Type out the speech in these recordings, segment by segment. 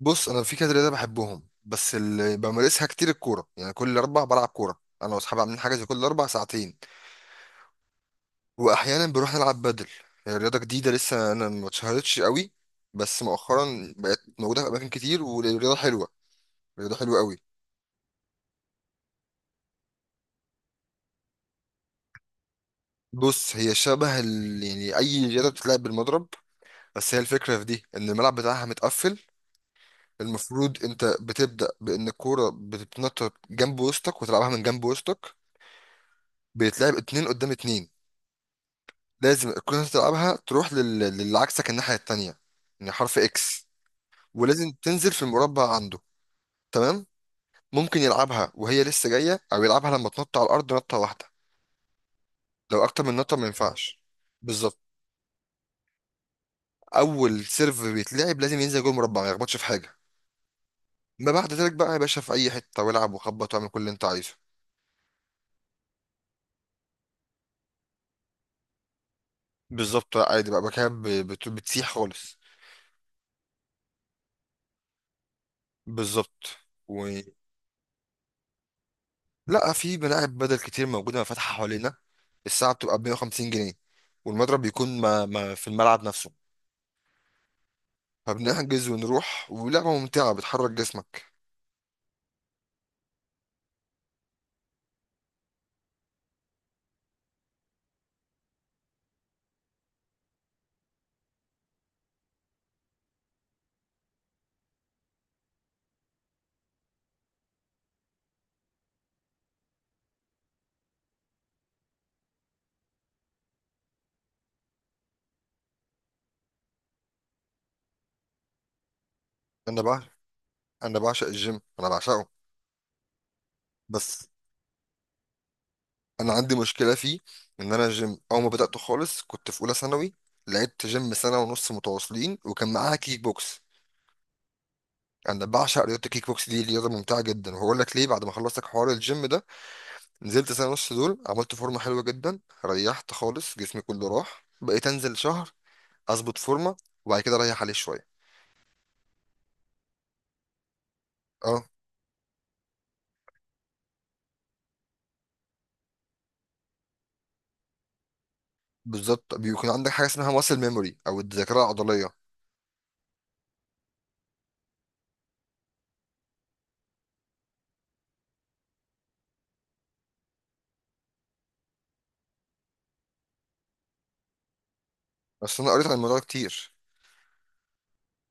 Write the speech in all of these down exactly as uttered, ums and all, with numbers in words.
بص، انا في كذا رياضه بحبهم، بس اللي بمارسها كتير الكوره. يعني كل اربع بلعب كوره انا واصحابي، عاملين حاجه زي كل اربع ساعتين. واحيانا بنروح نلعب بدل. هي رياضه جديده لسه، انا ما اتشهرتش قوي، بس مؤخرا بقت موجوده في اماكن كتير، ورياضه حلوه، رياضه حلوه قوي. بص، هي شبه ال... يعني اي رياضه بتتلعب بالمضرب. بس هي الفكره في دي ان الملعب بتاعها متقفل. المفروض انت بتبدا بان الكوره بتتنطط جنب وسطك وتلعبها من جنب وسطك. بيتلعب اتنين قدام اتنين. لازم تكون انت تلعبها تروح لل... للي عكسك الناحية التانية، يعني حرف اكس. ولازم تنزل في المربع عنده. تمام. ممكن يلعبها وهي لسه جاية، او يلعبها لما تنط على الارض نطة واحدة. لو اكتر من نطة ما ينفعش. بالظبط. اول سيرف بيتلعب لازم ينزل جوه المربع، ما يخبطش في حاجة. ما بعد ذلك بقى يا باشا في اي حتة، والعب وخبط واعمل كل اللي انت عايزه. بالظبط. عادي بقى بقى كده، ب- بت... بتسيح خالص. بالظبط. و... لا، في ملاعب بدل كتير موجوده فاتحه حوالينا. الساعه بتبقى ب مية وخمسين جنيه. والمضرب بيكون ما ما في الملعب نفسه. فبنحجز ونروح، ولعبه ممتعه بتحرك جسمك. انا بقى انا بعشق الجيم، انا بعشقه. بس انا عندي مشكله فيه. ان انا الجيم اول ما بداته خالص كنت في اولى ثانوي. لعبت جيم سنه ونص متواصلين، وكان معاها كيك بوكس. انا بعشق رياضه الكيك بوكس، دي رياضه ممتعه جدا، وهقول لك ليه. بعد ما خلصت حوار الجيم ده نزلت سنة ونص دول، عملت فورمة حلوة جدا، ريحت خالص جسمي كله راح. بقيت انزل شهر اظبط فورمة، وبعد كده اريح عليه شوية. اه. بالظبط، بيكون عندك حاجة اسمها ماسل ميموري او الذاكرة العضلية. بس انا قريت عن الموضوع ده كتير.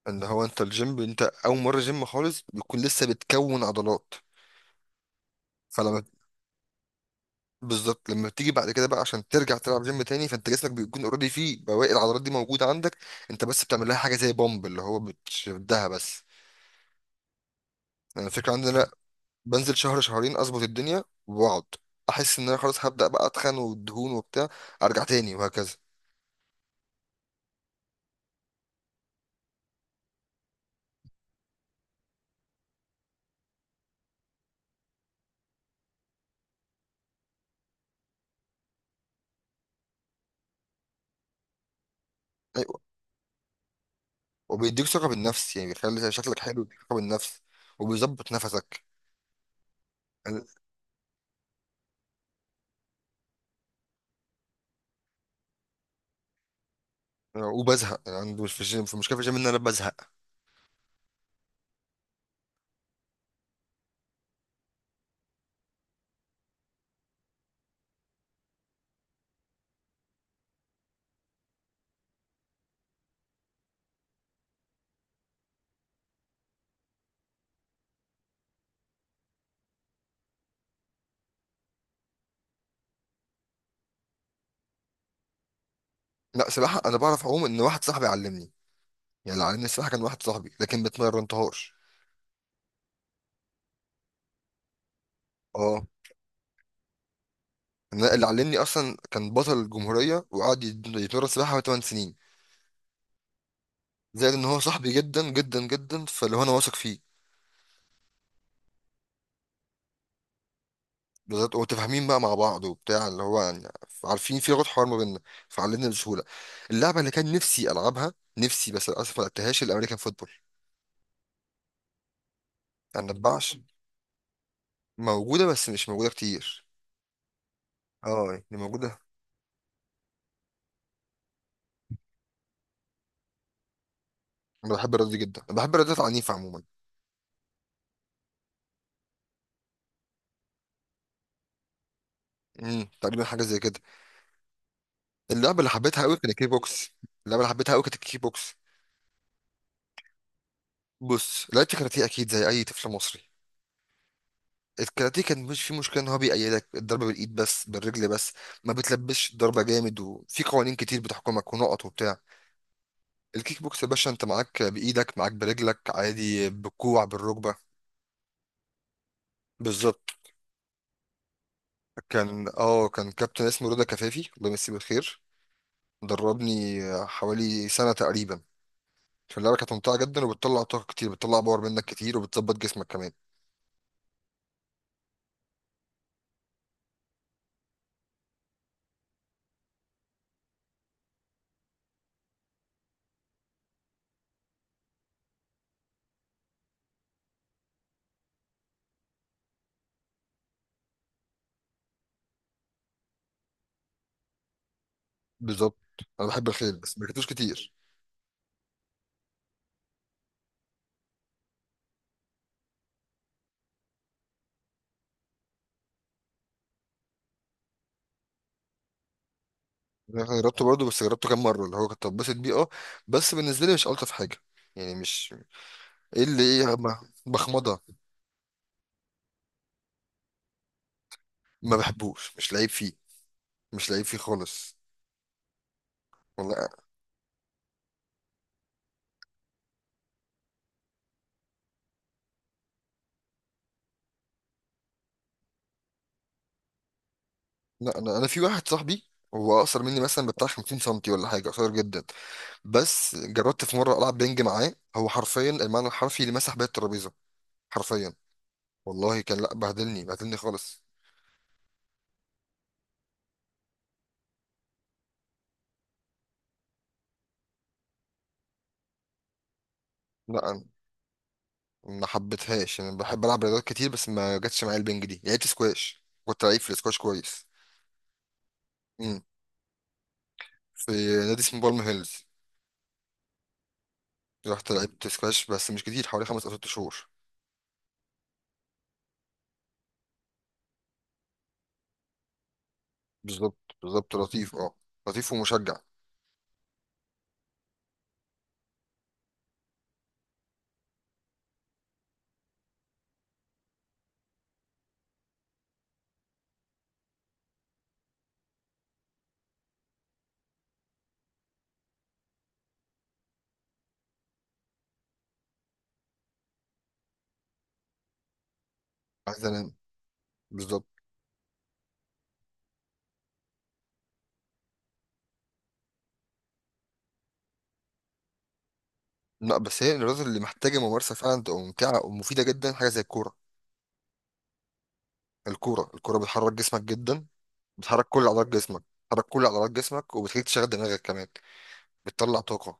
ان هو انت الجيم، انت اول مرة جيم خالص بيكون لسه بتكون عضلات. فلما، بالظبط لما تيجي بعد كده بقى عشان ترجع تلعب جيم تاني، فانت جسمك بيكون اوريدي فيه بواقي العضلات دي موجودة عندك. انت بس بتعمل لها حاجة زي بومب، اللي هو بتشدها بس. انا الفكرة عندنا بنزل شهر شهرين، اظبط الدنيا واقعد. احس ان انا خلاص هبدا بقى اتخن، والدهون وبتاع. ارجع تاني، وهكذا. ايوه. وبيديك ثقه بالنفس، يعني بيخلي شكلك حلو ويديك ثقه بالنفس، وبيظبط نفسك. أنا- وبزهق. يعني عندي مش في الجيم، في مشكله في الجيم ان انا بزهق. لا، سباحه انا بعرف اعوم، ان واحد صاحبي علمني. يعني اللي علمني السباحه كان واحد صاحبي، لكن ما اتمرنتهاش. اه. أنا اللي علمني اصلا كان بطل الجمهوريه، وقعد يت- يتمرن سباحه 8 سنين. زائد ان هو صاحبي جدا جدا جدا، فاللي هو انا واثق فيه. بالظبط، ومتفاهمين بقى مع بعض وبتاع، اللي هو يعني عارفين في لغة حوار ما بيننا، فعلمنا بسهولة. اللعبة اللي كان نفسي ألعبها، نفسي بس للأسف ما لعبتهاش، الأمريكان فوتبول. أنا نبعش. موجودة بس مش موجودة كتير. اه يعني موجودة. أنا بحب الرياضة دي جدا، أنا بحب الرياضات العنيفة عموما. امم، تقريبا حاجة زي كده. اللعبة اللي حبيتها قوي كانت الكيك بوكس. اللعبة اللي حبيتها قوي كانت الكيك بوكس. بص، لعبت كاراتيه أكيد زي أي طفل مصري. الكاراتيه كان مش في مشكله، ان هو بيأيدك الضربه بالايد بس بالرجل بس. ما بتلبسش الضربه جامد، وفي قوانين كتير بتحكمك، ونقط وبتاع. الكيك بوكس يا باشا انت معاك بايدك، معاك برجلك، عادي بالكوع بالركبه. بالظبط. كان اه كان كابتن اسمه رضا كفافي، الله يمسيه بالخير. دربني حوالي سنه تقريبا في اللعبه. كانت ممتعه جدا، وبتطلع طاقه كتير، بتطلع باور منك كتير، وبتظبط جسمك كمان. بالظبط. انا بحب الخيل، بس ما ركبتوش كتير. انا جربته برضه، بس جربته كام مره اللي هو كنت اتبسط بيه، اه. بس بالنسبه لي مش الطف حاجه. يعني مش ايه اللي ايه، ما- بخمضه. ما بحبوش مش لعيب فيه. مش لعيب فيه خالص. والله. لا، انا انا في واحد صاحبي هو اقصر مني، مثلا بتاع خمسين سنتي ولا حاجه، قصير جدا. بس جربت في مره العب بينج معاه، هو حرفيا، المعنى الحرفي، اللي مسح بيا الترابيزه. حرفيا، والله كان، لا بهدلني، بهدلني خالص. لا. أنا ما حبيتهاش. انا بحب العب رياضات كتير، بس ما جاتش معايا البنج دي. لعبت سكواش، كنت لعيب في السكواش كويس. إمم. في نادي اسمه بالم هيلز، رحت لعبت سكواش بس مش كتير، حوالي خمس او ست شهور. بالظبط. بالظبط لطيف، اه. لطيف ومشجع. عايز انام. بالظبط. لا بس هي الرياضة اللي محتاجة ممارسة فعلا تبقى ممتعة ومفيدة جدا، حاجة زي الكورة. الكورة. الكورة بتحرك جسمك جدا، بتحرك كل عضلات جسمك. بتحرك كل عضلات جسمك، وبتخليك تشغل دماغك كمان. بتطلع طاقة.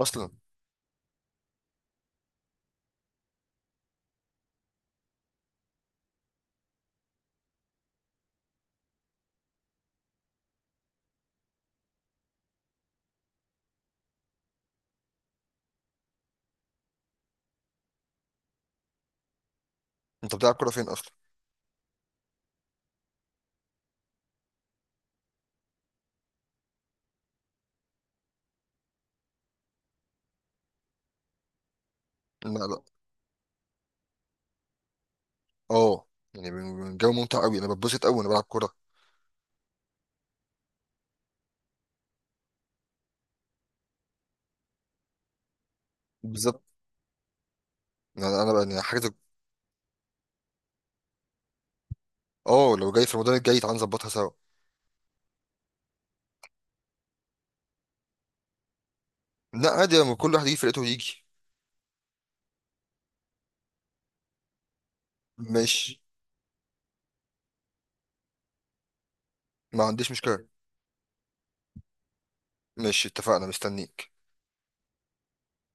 أصلا. أنت بتلعب كورة فين أصلا؟ لا لا. اه، يعني من- من جو ممتع أوي، أنا بتبسط أوي وأنا بلعب كورة. بالظبط. أنا أنا بقى، يعني حاجة زي. اه لو جاي في رمضان الجاي تعالى نظبطها سوا. لا عادي، لما كل واحد يجي فرقته يجي. ماشي، ما عنديش مشكلة. ماشي اتفقنا، مستنيك.